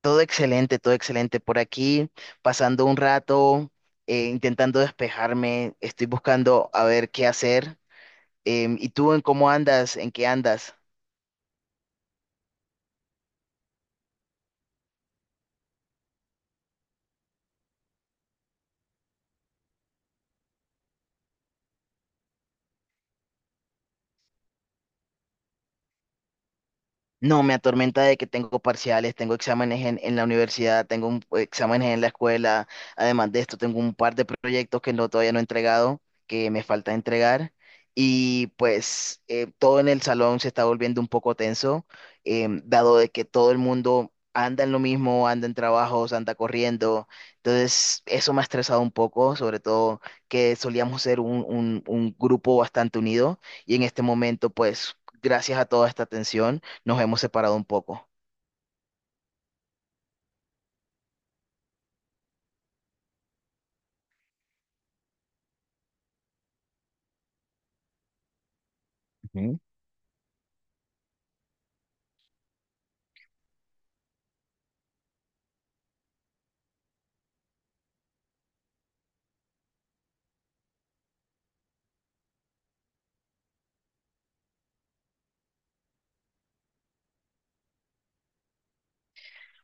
Todo excelente, todo excelente. Por aquí, pasando un rato, intentando despejarme, estoy buscando a ver qué hacer. ¿Y tú en cómo andas? ¿En qué andas? No, me atormenta de que tengo parciales, tengo exámenes en la universidad, exámenes en la escuela. Además de esto, tengo un par de proyectos que no, todavía no he entregado, que me falta entregar. Y pues todo en el salón se está volviendo un poco tenso, dado de que todo el mundo anda en lo mismo, anda en trabajos, anda corriendo. Entonces, eso me ha estresado un poco, sobre todo que solíamos un grupo bastante unido y en este momento, pues, gracias a toda esta tensión nos hemos separado un poco. ¿Mm?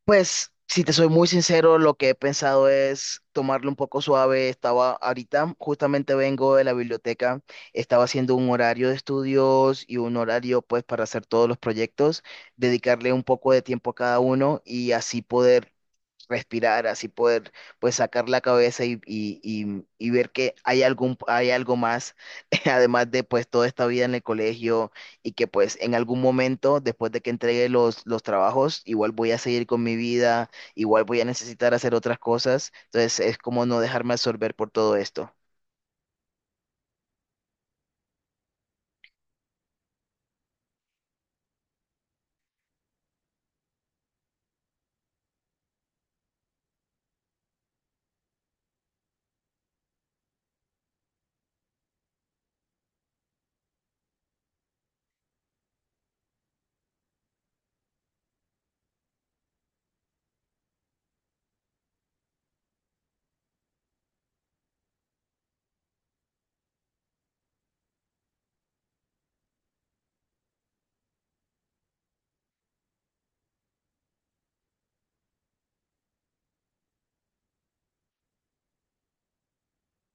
Pues, si te soy muy sincero, lo que he pensado es tomarlo un poco suave. Estaba ahorita, justamente vengo de la biblioteca, estaba haciendo un horario de estudios y un horario pues para hacer todos los proyectos, dedicarle un poco de tiempo a cada uno y así poder respirar, así poder pues sacar la cabeza y ver que hay algo más, además de pues toda esta vida en el colegio y que pues en algún momento, después de que entregue los trabajos, igual voy a seguir con mi vida, igual voy a necesitar hacer otras cosas, entonces es como no dejarme absorber por todo esto.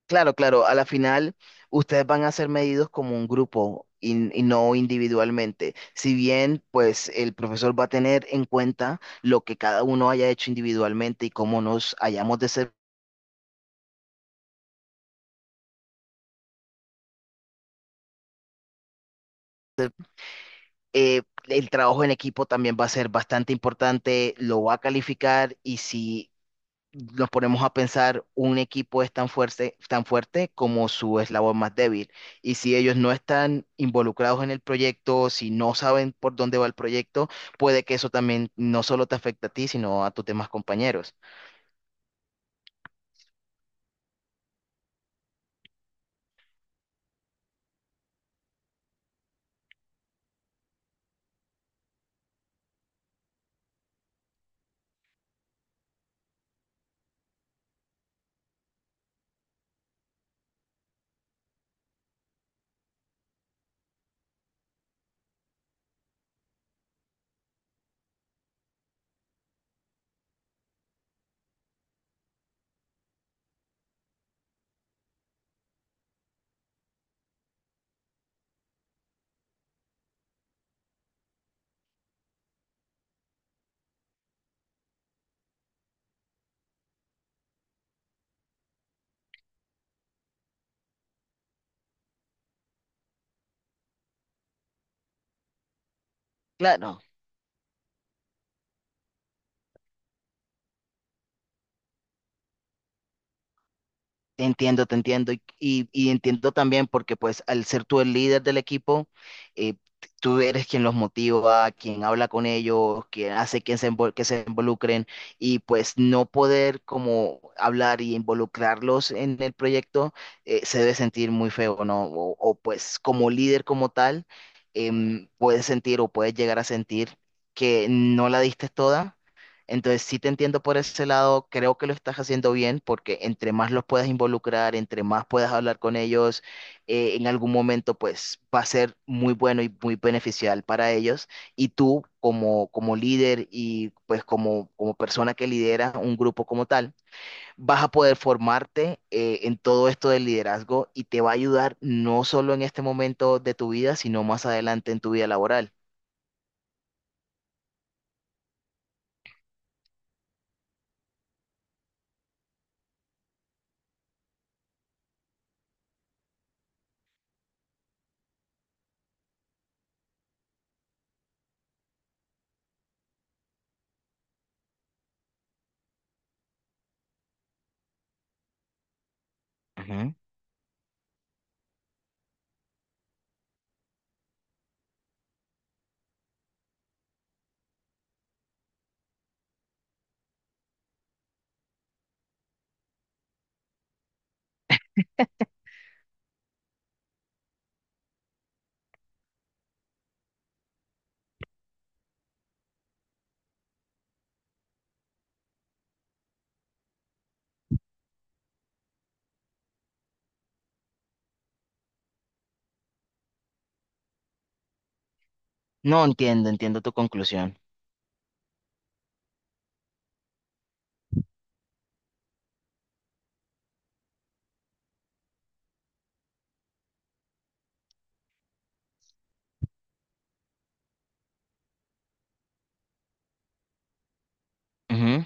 Claro, claro, a la final ustedes van a ser medidos como un grupo y no individualmente. Si bien, pues el profesor va a tener en cuenta lo que cada uno haya hecho individualmente y cómo nos hayamos de ser, eh, el trabajo en equipo también va a ser bastante importante, lo va a calificar y si nos ponemos a pensar, un equipo es tan fuerte como su eslabón más débil. Y si ellos no están involucrados en el proyecto, si no saben por dónde va el proyecto, puede que eso también no solo te afecte a ti, sino a tus demás compañeros. Claro, te entiendo, te entiendo. Y entiendo también porque pues al ser tú el líder del equipo, eh, tú eres quien los motiva, quien habla con ellos, quien hace que se involucren y pues no poder como hablar y involucrarlos en el proyecto, se debe sentir muy feo, ¿no? Pues como líder como tal, puedes sentir o puedes llegar a sentir que no la diste toda, entonces, sí te entiendo por ese lado, creo que lo estás haciendo bien porque entre más los puedas involucrar, entre más puedas hablar con ellos, en algún momento pues va a ser muy bueno y muy beneficial para ellos. Y tú como, como líder y pues como, como persona que lidera un grupo como tal, vas a poder formarte en todo esto del liderazgo y te va a ayudar no solo en este momento de tu vida, sino más adelante en tu vida laboral. Ujú. No entiendo, entiendo tu conclusión. Ujú.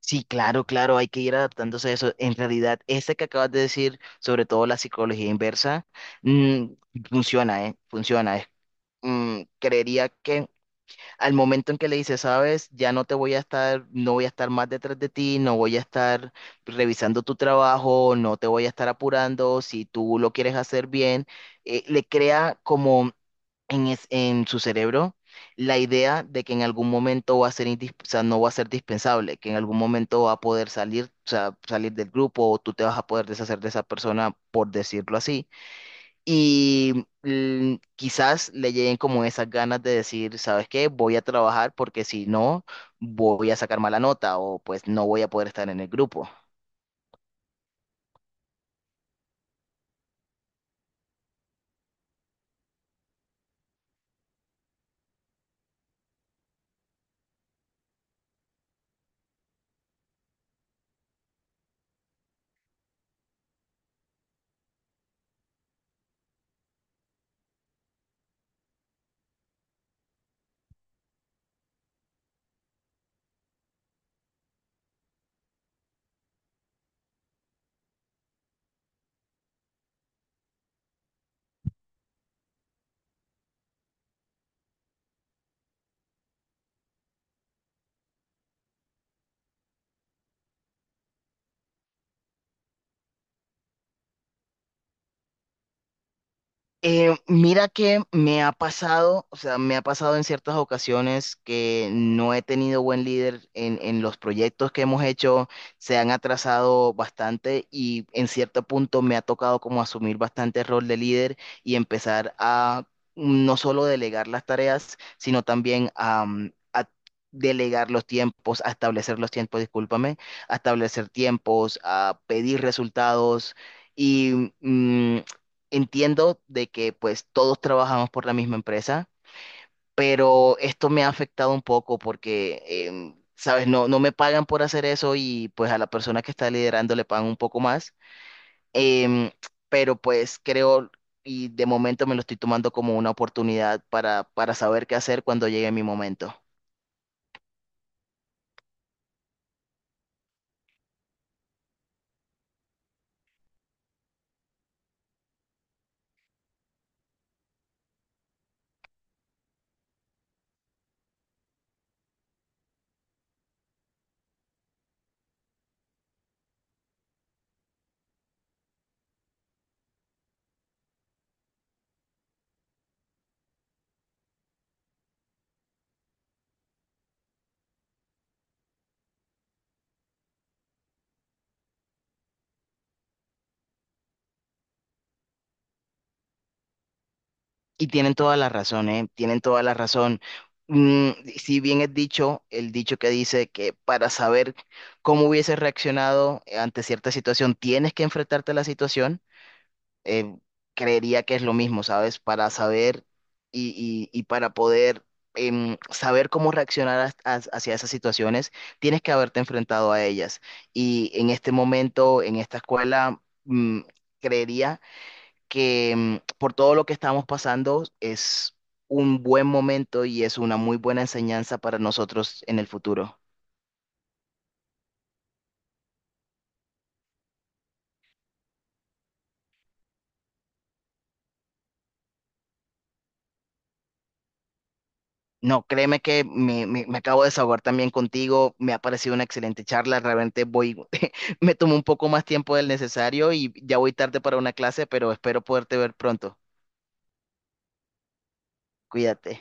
Sí, claro, claro, hay que ir adaptándose a eso. En realidad, este que acabas de decir, sobre todo la psicología inversa, mm, funciona, ¿eh? Funciona. Creería que al momento en que le dices, sabes, ya no te voy a estar, no voy a estar más detrás de ti, no voy a estar revisando tu trabajo, no te voy a estar apurando, si tú lo quieres hacer bien, le crea como en su cerebro la idea de que en algún momento va a ser, o sea, no va a ser dispensable, que en algún momento va a poder salir, o sea, salir del grupo o tú te vas a poder deshacer de esa persona, por decirlo así. Y quizás le lleguen como esas ganas de decir, ¿sabes qué? Voy a trabajar porque si no, voy a sacar mala nota o pues no voy a poder estar en el grupo. Mira que me ha pasado, o sea, me ha pasado en ciertas ocasiones que no he tenido buen líder en los proyectos que hemos hecho, se han atrasado bastante y en cierto punto me ha tocado como asumir bastante rol de líder y empezar a no solo delegar las tareas, sino también a delegar los tiempos, a establecer los tiempos, discúlpame, a establecer tiempos, a pedir resultados. Y mm, Entiendo de que pues todos trabajamos por la misma empresa, pero esto me ha afectado un poco porque, sabes, no, no me pagan por hacer eso y pues a la persona que está liderando le pagan un poco más. Em, pero pues creo y de momento me lo estoy tomando como una oportunidad para saber qué hacer cuando llegue mi momento. Y tienen toda la razón, ¿eh? Tienen toda la razón. Mm, si bien es dicho, el dicho que dice que para saber cómo hubieses reaccionado ante cierta situación, tienes que enfrentarte a la situación, eh, creería que es lo mismo, ¿sabes? Para saber y para poder saber cómo reaccionar hacia esas situaciones, tienes que haberte enfrentado a ellas. Y en este momento, en esta escuela, creería que por todo lo que estamos pasando es un buen momento y es una muy buena enseñanza para nosotros en el futuro. No, créeme que me acabo de desahogar también contigo, me ha parecido una excelente charla, realmente voy, me tomó un poco más tiempo del necesario y ya voy tarde para una clase, pero espero poderte ver pronto. Cuídate.